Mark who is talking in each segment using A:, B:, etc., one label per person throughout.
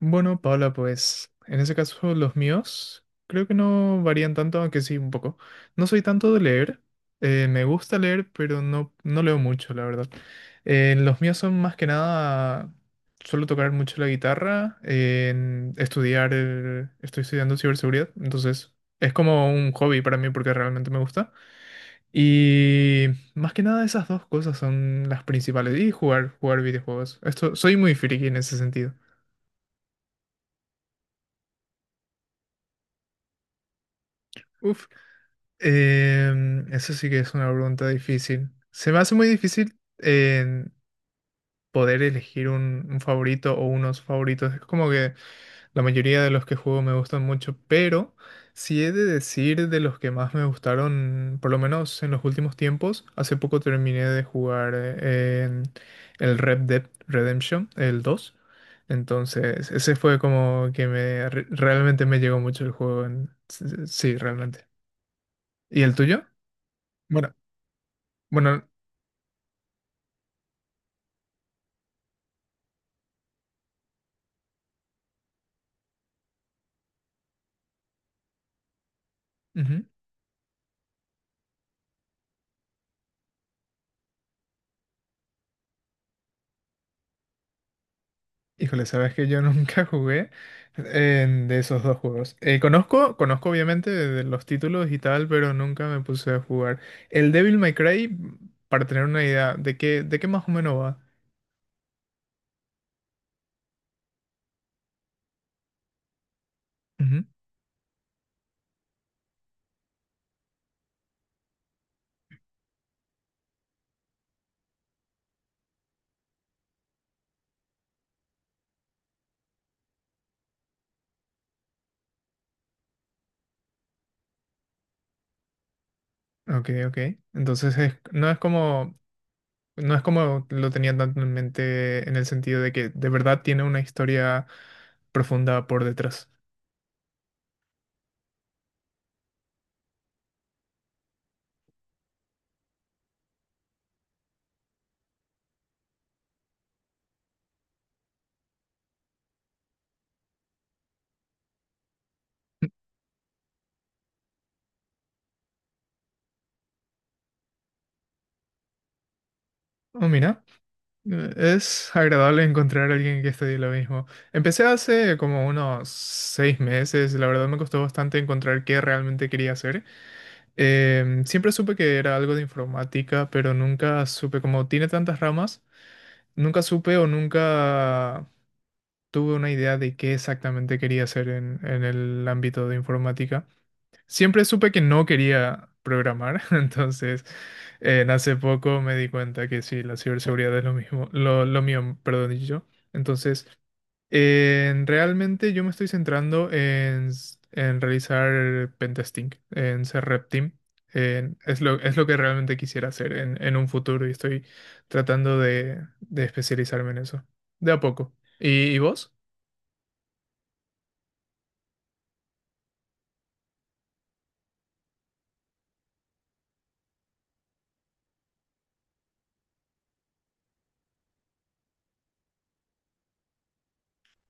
A: Bueno, Paula, pues en ese caso los míos creo que no varían tanto, aunque sí un poco. No soy tanto de leer, me gusta leer, pero no, no leo mucho, la verdad. Los míos son más que nada, suelo tocar mucho la guitarra, en estudiar, estoy estudiando ciberseguridad, entonces es como un hobby para mí porque realmente me gusta. Y más que nada esas dos cosas son las principales. Y jugar videojuegos. Esto, soy muy friki en ese sentido. Uf. Eso sí que es una pregunta difícil. Se me hace muy difícil en poder elegir un favorito o unos favoritos. Es como que la mayoría de los que juego me gustan mucho, pero si he de decir de los que más me gustaron, por lo menos en los últimos tiempos, hace poco terminé de jugar en el Red Dead Redemption, el dos. Entonces, ese fue como que realmente me llegó mucho el juego. Sí, sí, realmente. ¿Y el tuyo? Bueno. Bueno, ujú. Híjole, sabes que yo nunca jugué de esos dos juegos. Conozco obviamente de los títulos y tal, pero nunca me puse a jugar. El Devil May Cry, para tener una idea de qué más o menos va. Ujú. Ok, ok. Entonces no es como lo tenía tanto en mente en el sentido de que de verdad tiene una historia profunda por detrás. Oh, mira. Es agradable encontrar a alguien que estudie lo mismo. Empecé hace como unos 6 meses, la verdad me costó bastante encontrar qué realmente quería hacer. Siempre supe que era algo de informática, pero nunca supe, como tiene tantas ramas, nunca supe o nunca tuve una idea de qué exactamente quería hacer en el ámbito de informática. Siempre supe que no quería programar, entonces en hace poco me di cuenta que sí, la ciberseguridad es lo mismo, lo mío, perdón, y yo. Entonces, realmente yo me estoy centrando en realizar pentesting, en ser rep team. Es lo que realmente quisiera hacer en un futuro y estoy tratando de especializarme en eso, de a poco. ¿Y vos?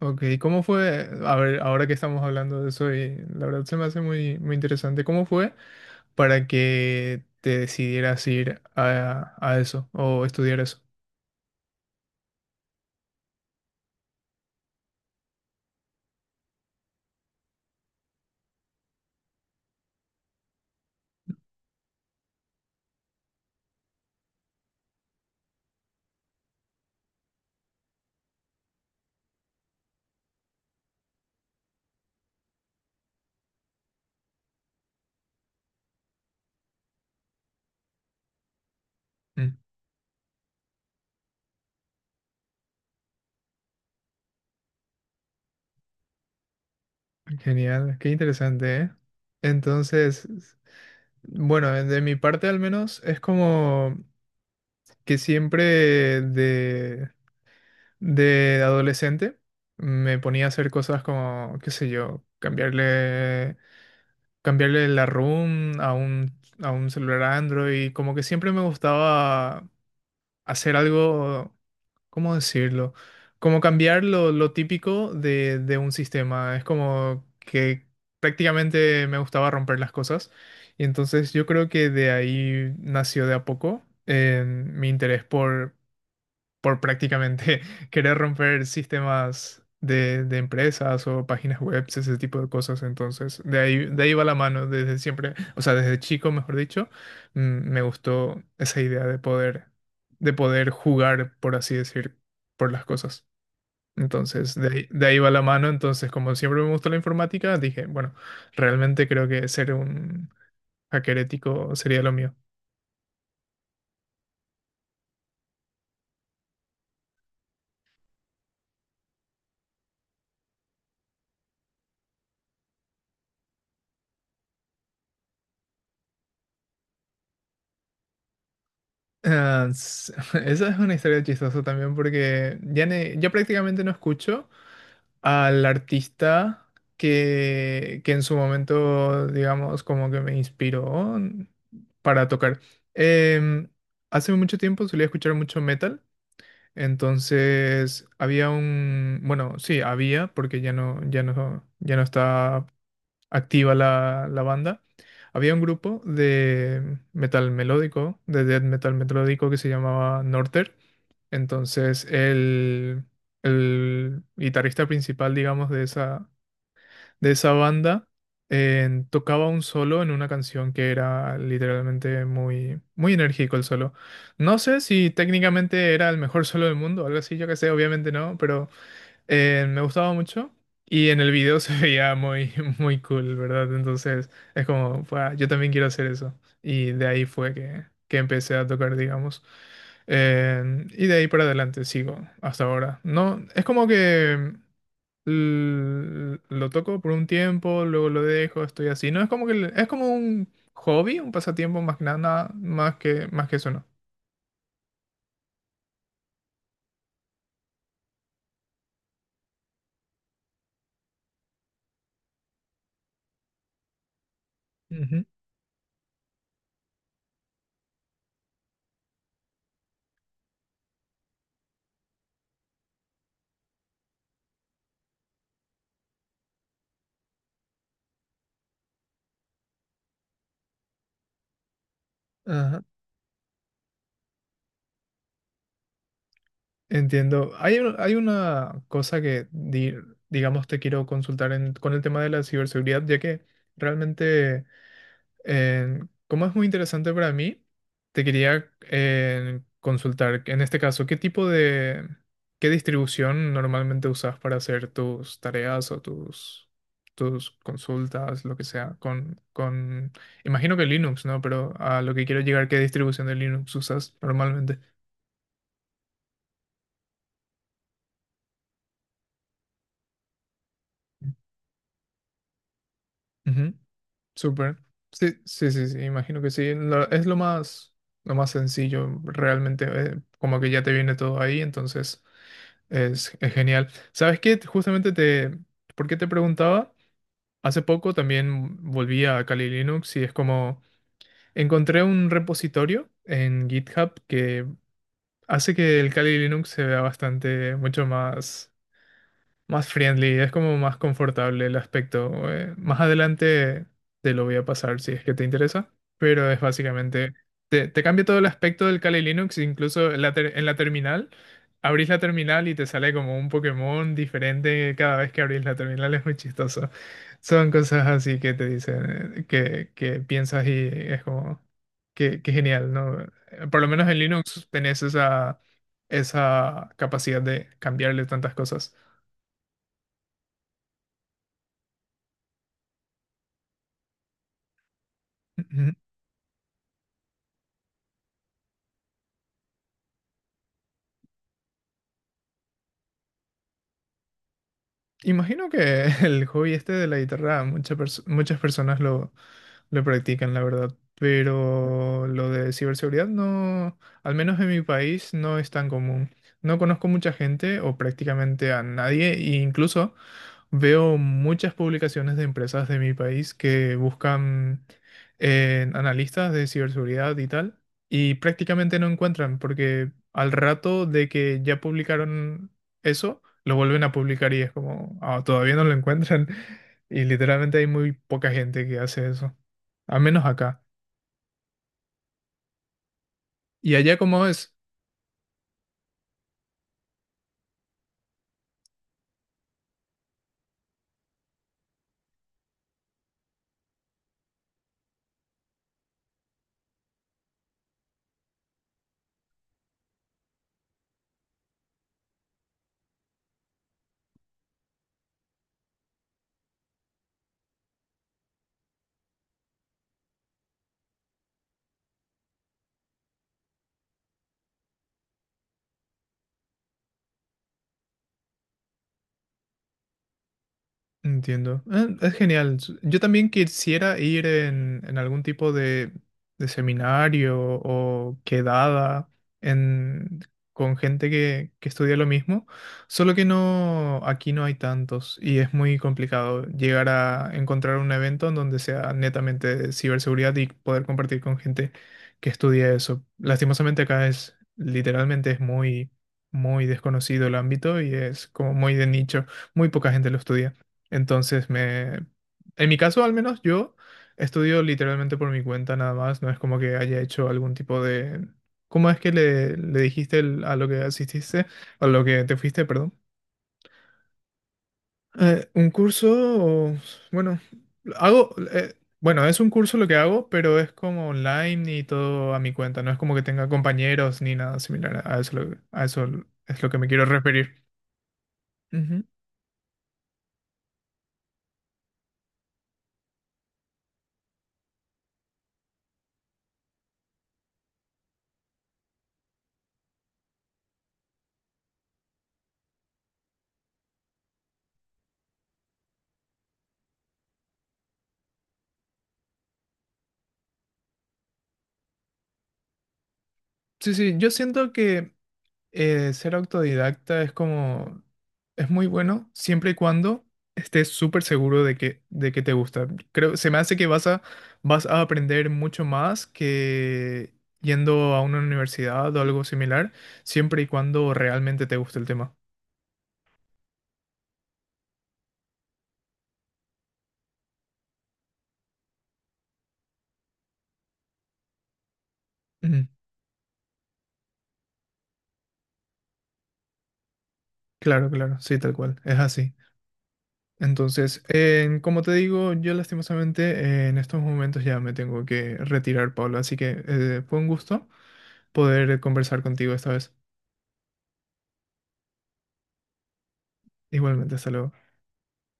A: Ok, ¿cómo fue? A ver, ahora que estamos hablando de eso, y la verdad se me hace muy, muy interesante. ¿Cómo fue para que te decidieras ir a eso o estudiar eso? Mm, Genial, qué interesante, ¿eh? Entonces, bueno, de mi parte al menos es como que siempre de, de adolescente me ponía a hacer cosas como, qué sé yo, cambiarle la ROM a un celular Android. Como que siempre me gustaba hacer algo, ¿cómo decirlo? Como cambiar lo típico de un sistema. Es como que prácticamente me gustaba romper las cosas. Y entonces yo creo que de ahí nació de a poco mi interés por prácticamente querer romper sistemas de empresas o páginas web, ese tipo de cosas. Entonces, de ahí va la mano desde siempre, o sea, desde chico, mejor dicho. mm, Me gustó esa idea de poder jugar, por así decir, por las cosas. Entonces, de ahí va la mano. Entonces, como siempre me gustó la informática, dije, bueno, realmente creo que ser un hacker ético sería lo mío. Ah, esa es una historia chistosa también porque ya prácticamente no escucho al artista que en su momento, digamos, como que me inspiró para tocar. Em, hace mucho tiempo solía escuchar mucho metal, entonces había bueno, sí, había, porque ya no, ya no, ya no está activa la banda. Había un grupo de metal melódico, de death metal melódico que se llamaba Norter. Entonces, el guitarrista principal, digamos, de esa banda, tocaba un solo en una canción que era literalmente muy, muy enérgico el solo. No sé si técnicamente era el mejor solo del mundo, algo así, yo qué sé, obviamente no, pero me gustaba mucho y en el video se veía muy, muy cool, ¿verdad? Entonces es como, "Fua, yo también quiero hacer eso". Y de ahí fue que empecé a tocar, digamos. Y de ahí para adelante sigo hasta ahora. No, es como que lo toco por un tiempo, luego lo dejo, estoy así. No, es como que es como un hobby, un pasatiempo más que nada, más que eso, ¿no? Ujú. Ajá. Entiendo. Hay una cosa que, digamos, te quiero consultar con el tema de la ciberseguridad, ya que realmente, eh, como es muy interesante para mí, te quería consultar, en este caso, ¿qué tipo de, qué distribución normalmente usas para hacer tus tareas o tus consultas, lo que sea, imagino que Linux, ¿no? Pero a lo que quiero llegar, ¿qué distribución de Linux usas normalmente? Ujú. Súper. Sí, sí, sí, sí, imagino que sí. Es lo más sencillo, realmente, como que ya te viene todo ahí, entonces es genial. ¿Sabes qué? Justamente ¿por qué te preguntaba? Hace poco también volví a Kali Linux y es como encontré un repositorio en GitHub que hace que el Kali Linux se vea bastante, mucho más friendly, es como más confortable el aspecto. Más adelante te lo voy a pasar si es que te interesa, pero es básicamente, te cambia todo el aspecto del Kali Linux, incluso en la terminal, abrís la terminal y te sale como un Pokémon diferente cada vez que abrís la terminal, es muy chistoso. Son cosas así que te dicen, que piensas y es como, que genial, ¿no? Por lo menos en Linux tenés esa capacidad de cambiarle tantas cosas. Imagino que el hobby este de la guitarra muchas personas lo practican, la verdad. Pero lo de ciberseguridad no, al menos en mi país, no es tan común. No conozco mucha gente o prácticamente a nadie, e incluso veo muchas publicaciones de empresas de mi país que buscan analistas de ciberseguridad y tal, y prácticamente no encuentran, porque al rato de que ya publicaron eso, lo vuelven a publicar y es como, "Ah, todavía no lo encuentran". Y literalmente hay muy poca gente que hace eso. Al menos acá. ¿Y allá cómo es? Entiendo. Es genial. Yo también quisiera ir en algún tipo de seminario o quedada en, con gente que estudia lo mismo, solo que no, aquí no hay tantos y es muy complicado llegar a encontrar un evento en donde sea netamente de ciberseguridad y poder compartir con gente que estudia eso. Lastimosamente acá es, literalmente es muy, muy desconocido el ámbito y es como muy de nicho, muy poca gente lo estudia. Entonces, en mi caso al menos yo estudio literalmente por mi cuenta nada más, no es como que haya hecho algún tipo de. ¿Cómo es que le dijiste a lo que asististe, a lo que te fuiste, perdón? Un curso, o- bueno, hago, bueno, es un curso lo que hago, pero es como online y todo a mi cuenta, no es como que tenga compañeros ni nada similar, a eso, a eso es lo que me quiero referir. Ujú. Sí, sí, yo siento que ser autodidacta es como, es muy bueno siempre y cuando estés súper seguro de que te gusta. Creo, se me hace que vas a aprender mucho más que yendo a una universidad o algo similar, siempre y cuando realmente te guste el tema. Ujú. Claro, claro, sí, tal cual, es así. Entonces, como te digo, yo lastimosamente en estos momentos ya me tengo que retirar, Pablo, así que fue un gusto poder conversar contigo esta vez. Igualmente, hasta luego.